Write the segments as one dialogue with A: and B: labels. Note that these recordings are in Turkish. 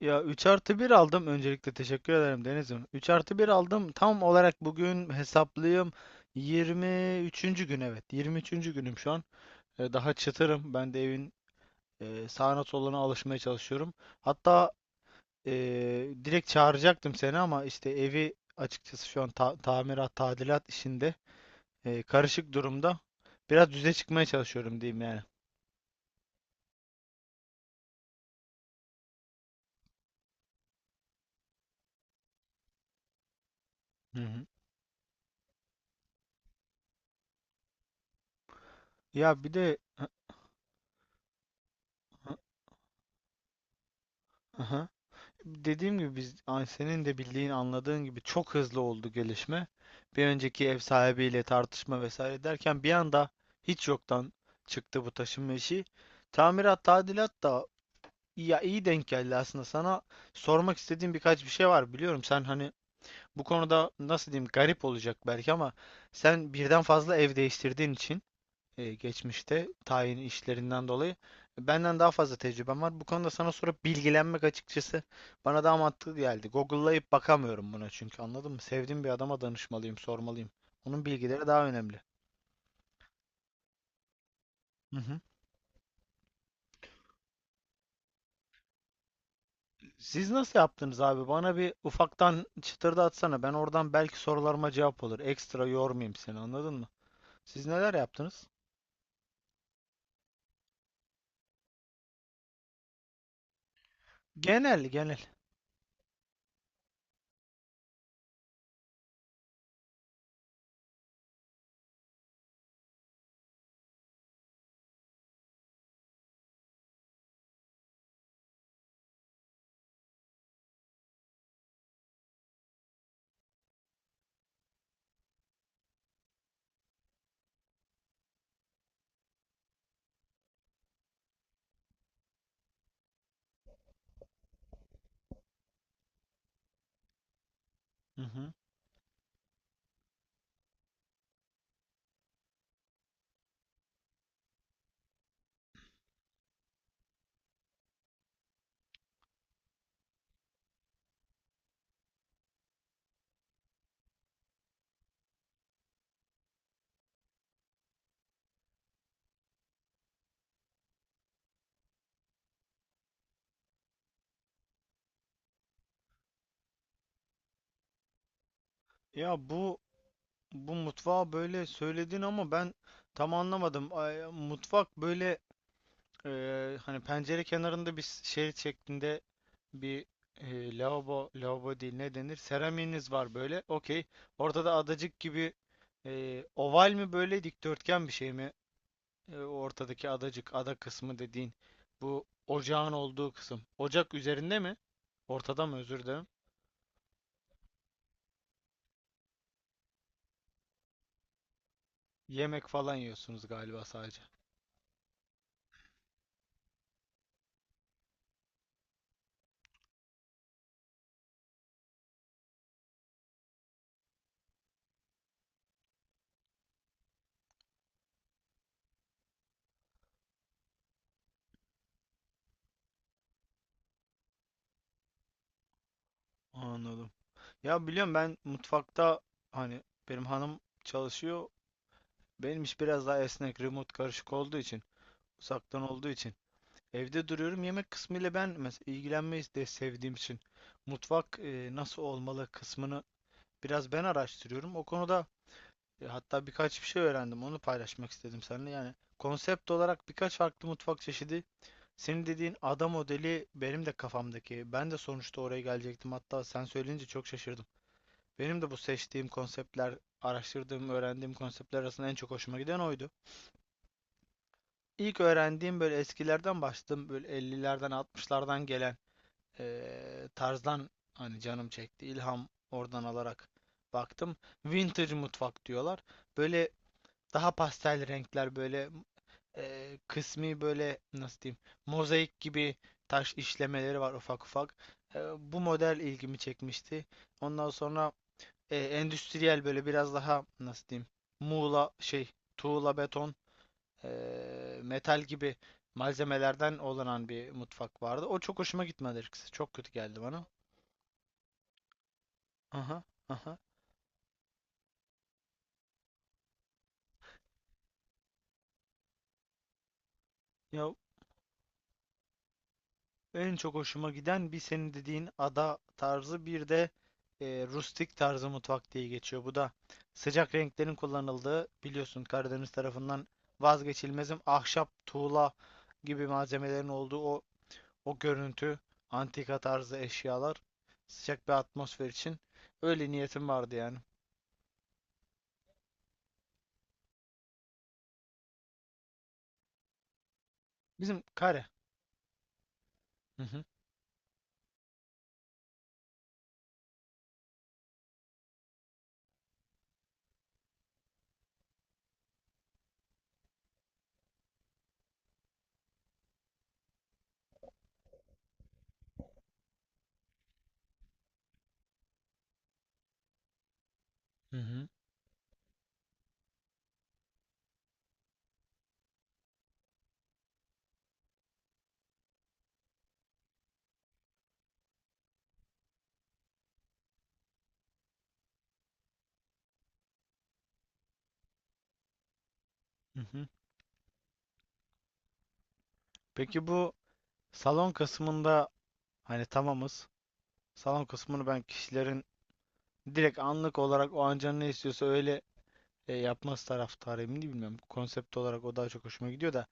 A: Ya 3 artı 1 aldım, öncelikle teşekkür ederim Deniz'im. 3 artı 1 aldım, tam olarak bugün hesaplayayım, 23'üncü gün, evet 23'üncü günüm şu an. Daha çıtırım, ben de evin sağına soluna alışmaya çalışıyorum. Hatta direkt çağıracaktım seni, ama işte evi açıkçası şu an tamirat, tadilat işinde karışık durumda. Biraz düze çıkmaya çalışıyorum diyeyim yani. Hı hı. Ya bir de Hı hı, aha. Dediğim gibi biz, ay, senin de bildiğin, anladığın gibi çok hızlı oldu gelişme. Bir önceki ev sahibiyle tartışma vesaire derken bir anda hiç yoktan çıktı bu taşınma işi. Tamirat, tadilat da ya iyi denk geldi aslında sana. Sormak istediğim birkaç bir şey var, biliyorum sen hani bu konuda, nasıl diyeyim, garip olacak belki ama sen birden fazla ev değiştirdiğin için, geçmişte tayin işlerinden dolayı benden daha fazla tecrübem var. Bu konuda sana sorup bilgilenmek açıkçası bana daha mantıklı geldi. Google'layıp bakamıyorum buna, çünkü anladın mı, sevdiğim bir adama danışmalıyım, sormalıyım. Onun bilgileri daha önemli. Hı hı. Siz nasıl yaptınız abi? Bana bir ufaktan çıtırda atsana. Ben oradan belki sorularıma cevap olur. Ekstra yormayayım seni, anladın mı? Siz neler yaptınız? Genel, genel. Hı hı. Ya bu mutfağı böyle söyledin ama ben tam anlamadım. Ay, mutfak böyle, hani pencere kenarında bir şerit şeklinde bir, lavabo, lavabo değil, ne denir, seramiğiniz var böyle. Okey. Ortada adacık gibi, oval mi böyle, dikdörtgen bir şey mi? O ortadaki adacık, ada kısmı dediğin bu ocağın olduğu kısım. Ocak üzerinde mi? Ortada mı, özür dilerim. Yemek falan yiyorsunuz galiba sadece. Anladım. Ya biliyorum ben mutfakta, hani benim hanım çalışıyor. Benim iş biraz daha esnek, remote karışık olduğu için, uzaktan olduğu için. Evde duruyorum. Yemek kısmıyla ben mesela ilgilenmeyi de sevdiğim için mutfak nasıl olmalı kısmını biraz ben araştırıyorum. O konuda hatta birkaç bir şey öğrendim. Onu paylaşmak istedim seninle. Yani konsept olarak birkaç farklı mutfak çeşidi. Senin dediğin ada modeli benim de kafamdaki. Ben de sonuçta oraya gelecektim. Hatta sen söyleyince çok şaşırdım. Benim de bu seçtiğim konseptler, araştırdığım, öğrendiğim konseptler arasında en çok hoşuma giden oydu. İlk öğrendiğim, böyle eskilerden başladım. Böyle 50'lerden 60'lardan gelen tarzdan hani canım çekti. İlham oradan alarak baktım. Vintage mutfak diyorlar. Böyle daha pastel renkler, böyle kısmi böyle, nasıl diyeyim, mozaik gibi taş işlemeleri var ufak ufak. Bu model ilgimi çekmişti. Ondan sonra endüstriyel, böyle biraz daha, nasıl diyeyim, muğla şey tuğla, beton, metal gibi malzemelerden olanan bir mutfak vardı. O çok hoşuma gitmedi açıkçası. Çok kötü geldi bana. Aha aha. Ya en çok hoşuma giden bir senin dediğin ada tarzı, bir de rustik tarzı mutfak diye geçiyor. Bu da sıcak renklerin kullanıldığı, biliyorsun Karadeniz tarafından vazgeçilmezim, ahşap, tuğla gibi malzemelerin olduğu o o görüntü, antika tarzı eşyalar, sıcak bir atmosfer için öyle niyetim vardı yani. Bizim kare. Hı hı, hı hı, hı hı. Peki bu salon kısmında hani tamamız. Salon kısmını ben kişilerin direkt anlık olarak o an canı ne istiyorsa öyle yapması taraftarıyım, değil bilmiyorum. Konsept olarak o daha çok hoşuma gidiyor da.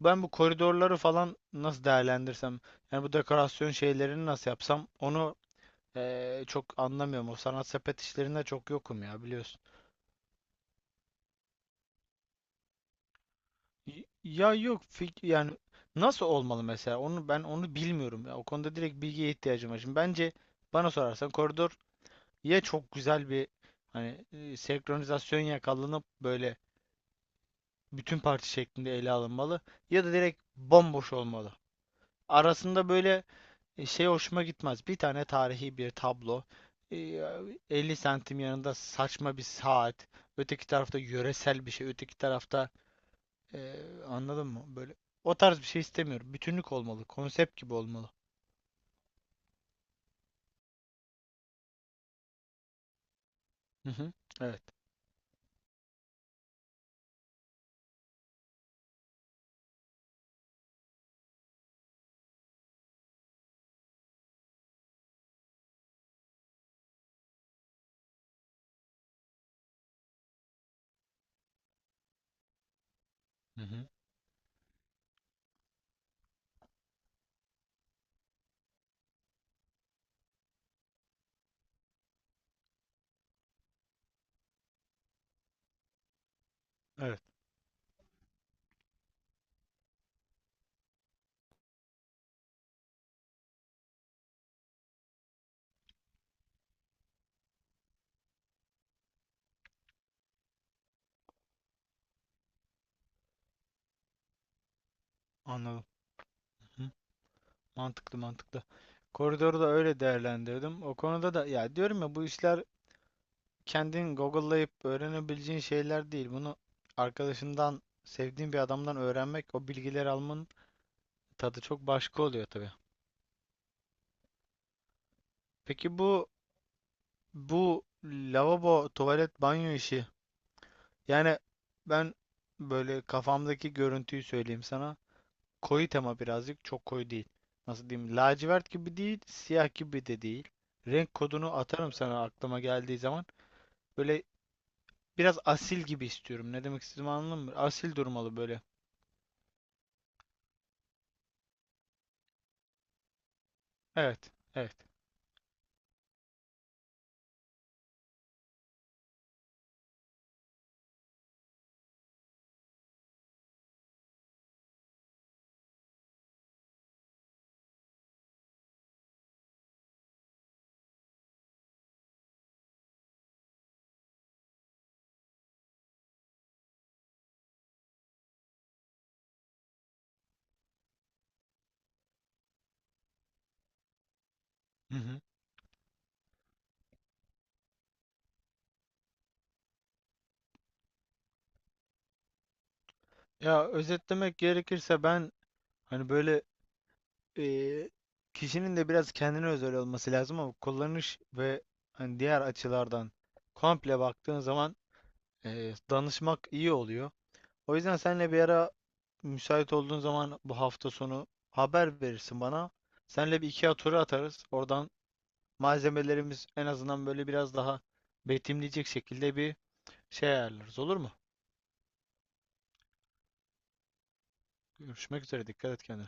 A: Ben bu koridorları falan nasıl değerlendirsem, yani bu dekorasyon şeylerini nasıl yapsam, onu çok anlamıyorum. O sanat sepet işlerinde çok yokum ya, biliyorsun. Y- Ya yok fik- yani nasıl olmalı mesela, onu bilmiyorum ya, o konuda direkt bilgiye ihtiyacım var. Şimdi bence bana sorarsan koridor ya çok güzel bir, hani senkronizasyon yakalanıp böyle bütün parti şeklinde ele alınmalı, ya da direkt bomboş olmalı. Arasında böyle, şey hoşuma gitmez. Bir tane tarihi bir tablo, e, 50 santim yanında saçma bir saat, öteki tarafta yöresel bir şey, öteki tarafta ee, anladın mı? Böyle o tarz bir şey istemiyorum. Bütünlük olmalı. Konsept gibi olmalı. Hı hı. Evet. Hı hı. Evet. Anladım. Hı hı. Mantıklı, mantıklı. Koridoru da öyle değerlendirdim. O konuda da ya, diyorum ya, bu işler kendin Google'layıp öğrenebileceğin şeyler değil. Bunu arkadaşından, sevdiğin bir adamdan öğrenmek, o bilgileri almanın tadı çok başka oluyor tabii. Peki bu lavabo, tuvalet, banyo işi. Yani ben böyle kafamdaki görüntüyü söyleyeyim sana. Koyu tema, birazcık, çok koyu değil. Nasıl diyeyim? Lacivert gibi değil, siyah gibi de değil. Renk kodunu atarım sana aklıma geldiği zaman. Böyle biraz asil gibi istiyorum. Ne demek istediğimi anladın mı? Asil durmalı böyle. Evet, evet. Hı hı. Ya özetlemek gerekirse ben hani böyle, eee, kişinin de biraz kendine özel olması lazım ama kullanış ve hani diğer açılardan komple baktığın zaman danışmak iyi oluyor. O yüzden senle bir ara, müsait olduğun zaman bu hafta sonu haber verirsin bana. Senle bir IKEA turu atarız. Oradan malzemelerimiz en azından böyle biraz daha betimleyecek şekilde bir şey ayarlarız, olur mu? Görüşmek üzere, dikkat et kendine.